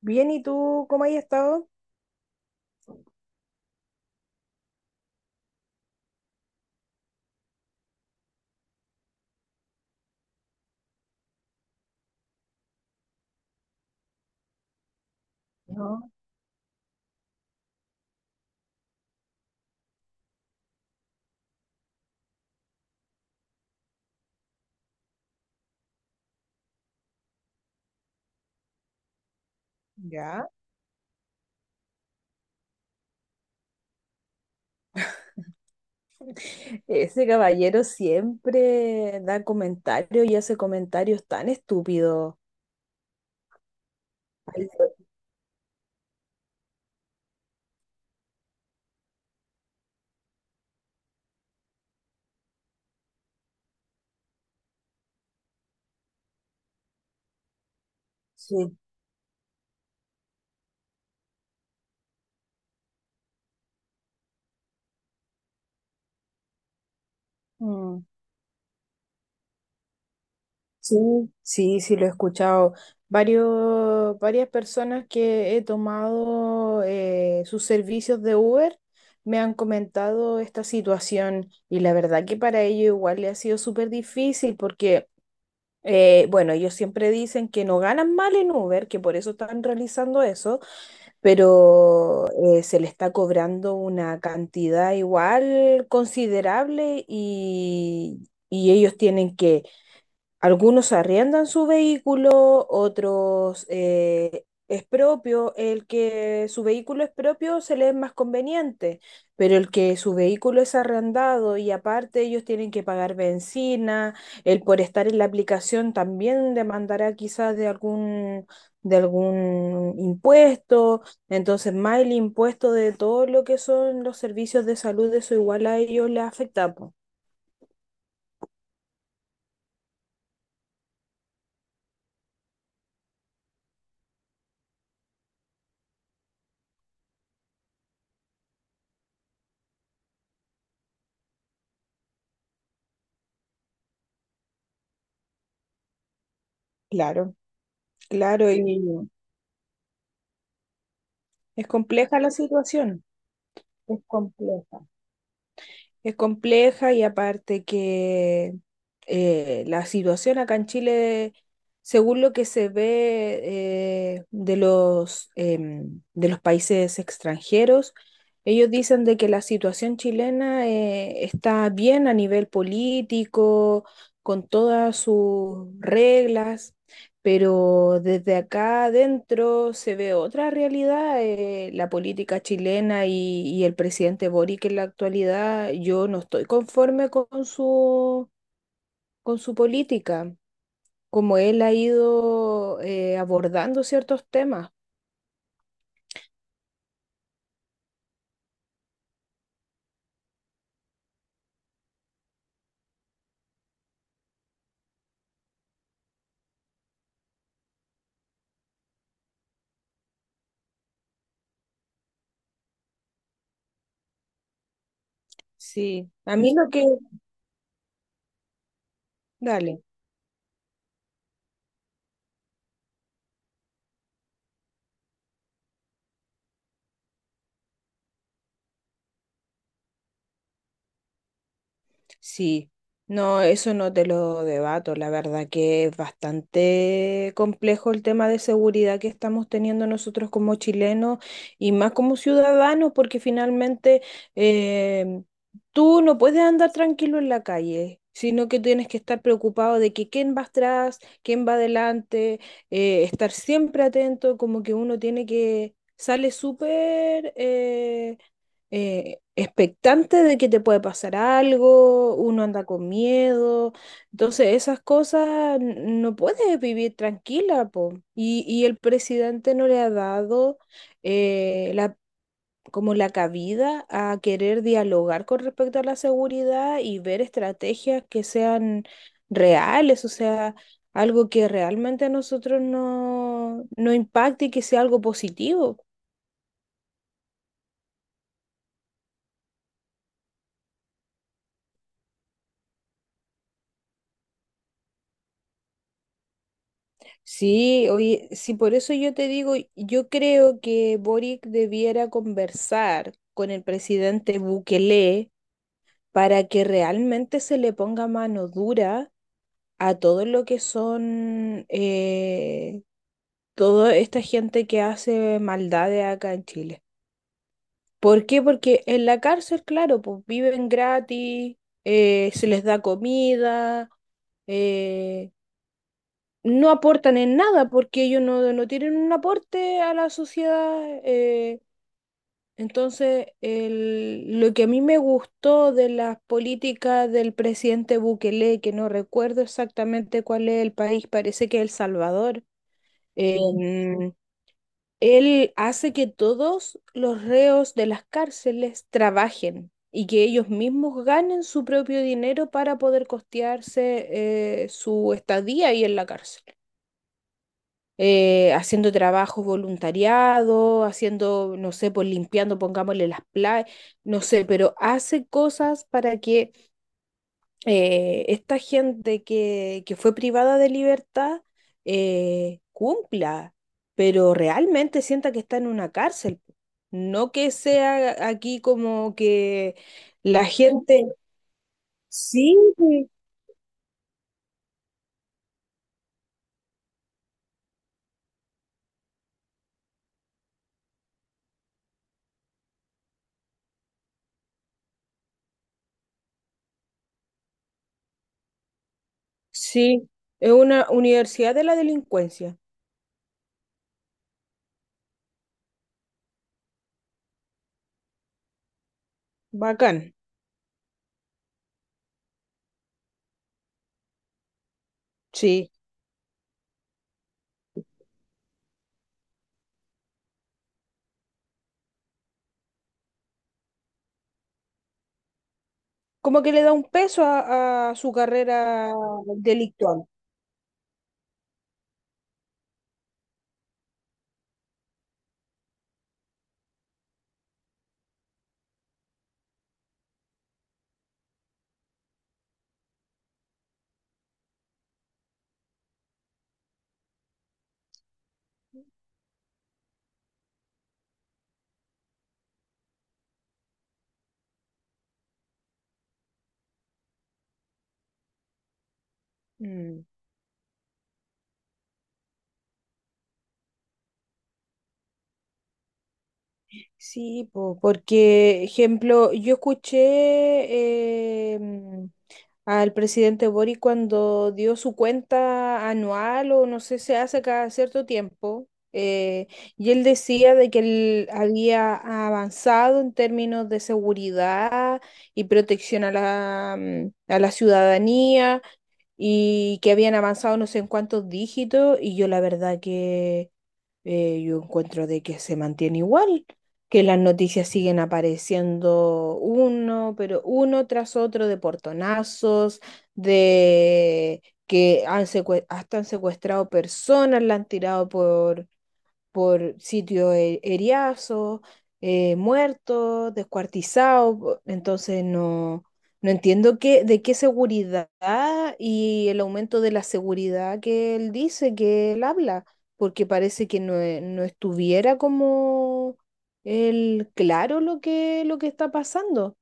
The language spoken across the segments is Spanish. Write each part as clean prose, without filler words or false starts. Bien, ¿y tú cómo has estado? No. Ya. Ese caballero siempre da comentarios y hace comentarios tan estúpidos. Ay, sí. Mm. Sí, sí, sí, lo he escuchado. Varias personas que he tomado sus servicios de Uber me han comentado esta situación y la verdad que para ellos igual le ha sido súper difícil porque, bueno, ellos siempre dicen que no ganan mal en Uber, que por eso están realizando eso, pero se le está cobrando una cantidad igual considerable y ellos tienen que algunos arriendan su vehículo, otros es propio. El que su vehículo es propio se le es más conveniente, pero el que su vehículo es arrendado y aparte ellos tienen que pagar benzina, el por estar en la aplicación también demandará quizás de algún impuesto. Entonces, más el impuesto de todo lo que son los servicios de salud, eso igual a ellos les afecta, po. Claro, claro, y, sí. Es compleja la situación. Es compleja. Es compleja y aparte que la situación acá en Chile, según lo que se ve de los, de los países extranjeros, ellos dicen de que la situación chilena está bien a nivel político, con todas sus reglas, pero desde acá adentro se ve otra realidad. La política chilena y el presidente Boric en la actualidad, yo no estoy conforme con su política, como él ha ido abordando ciertos temas. Sí, a mí lo que... Dale. Sí, no, eso no te lo debato. La verdad que es bastante complejo el tema de seguridad que estamos teniendo nosotros como chilenos y más como ciudadanos, porque finalmente eh, tú no puedes andar tranquilo en la calle, sino que tienes que estar preocupado de que quién va atrás, quién va adelante, estar siempre atento, como que uno tiene que, sale súper, expectante de que te puede pasar algo, uno anda con miedo, entonces esas cosas no puedes vivir tranquila, po. Y el presidente no le ha dado la, como la cabida a querer dialogar con respecto a la seguridad y ver estrategias que sean reales, o sea, algo que realmente a nosotros no, no impacte y que sea algo positivo. Sí, oye, sí, por eso yo te digo, yo creo que Boric debiera conversar con el presidente Bukele para que realmente se le ponga mano dura a todo lo que son toda esta gente que hace maldades acá en Chile. ¿Por qué? Porque en la cárcel, claro, pues viven gratis, se les da comida. eh, no aportan en nada porque ellos no, no tienen un aporte a la sociedad. Entonces, lo que a mí me gustó de las políticas del presidente Bukele, que no recuerdo exactamente cuál es el país, parece que es El Salvador, em, él hace que todos los reos de las cárceles trabajen, y que ellos mismos ganen su propio dinero para poder costearse su estadía ahí en la cárcel. Haciendo trabajo voluntariado, haciendo, no sé, pues limpiando, pongámosle las playas, no sé, pero hace cosas para que esta gente que fue privada de libertad cumpla, pero realmente sienta que está en una cárcel. No que sea aquí como que la gente... Sí, sí, sí, es una universidad de la delincuencia. Bacán, sí. Como que le da un peso a su carrera delictual. Mm. Sí, po, porque, ejemplo, yo escuché al presidente Boric cuando dio su cuenta anual o no sé, se hace cada cierto tiempo, y él decía de que él había avanzado en términos de seguridad y protección a la, a la ciudadanía, y que habían avanzado no sé en cuántos dígitos y yo la verdad que yo encuentro de que se mantiene igual, que las noticias siguen apareciendo uno, pero uno tras otro de portonazos, de que han hasta han secuestrado personas, la han tirado por sitio heriazo, muerto, descuartizado, entonces no, no entiendo qué, de qué seguridad y el aumento de la seguridad que él dice, que él habla, porque parece que no, no estuviera como él claro lo que está pasando.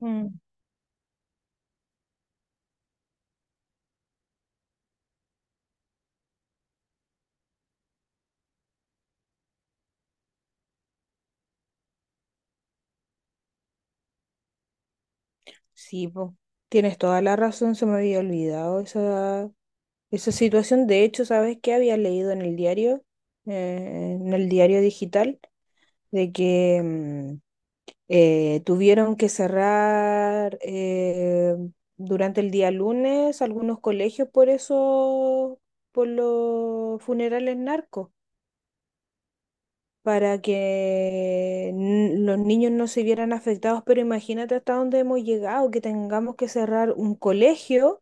Mm. Sí, po, tienes toda la razón, se me había olvidado esa, esa situación. De hecho, ¿sabes qué había leído en el diario digital, de que tuvieron que cerrar durante el día lunes algunos colegios por eso, por los funerales narcos, para que los niños no se vieran afectados? Pero imagínate hasta dónde hemos llegado, que tengamos que cerrar un colegio,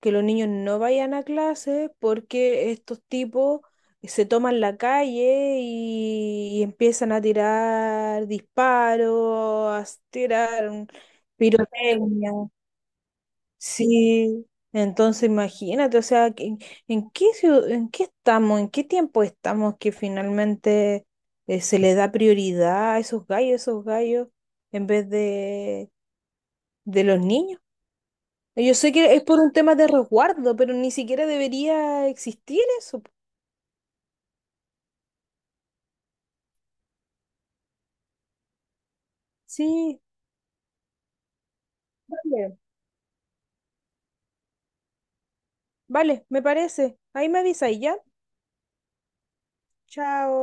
que los niños no vayan a clase porque estos tipos se toman la calle y empiezan a tirar disparos, a tirar pirotecnia. Sí, entonces imagínate, o sea, ¿en, en qué estamos, en qué tiempo estamos que finalmente se le da prioridad a esos gallos, en vez de los niños? Yo sé que es por un tema de resguardo, pero ni siquiera debería existir eso. Sí, vale, vale, me parece. Ahí me avisáis ya. Chao.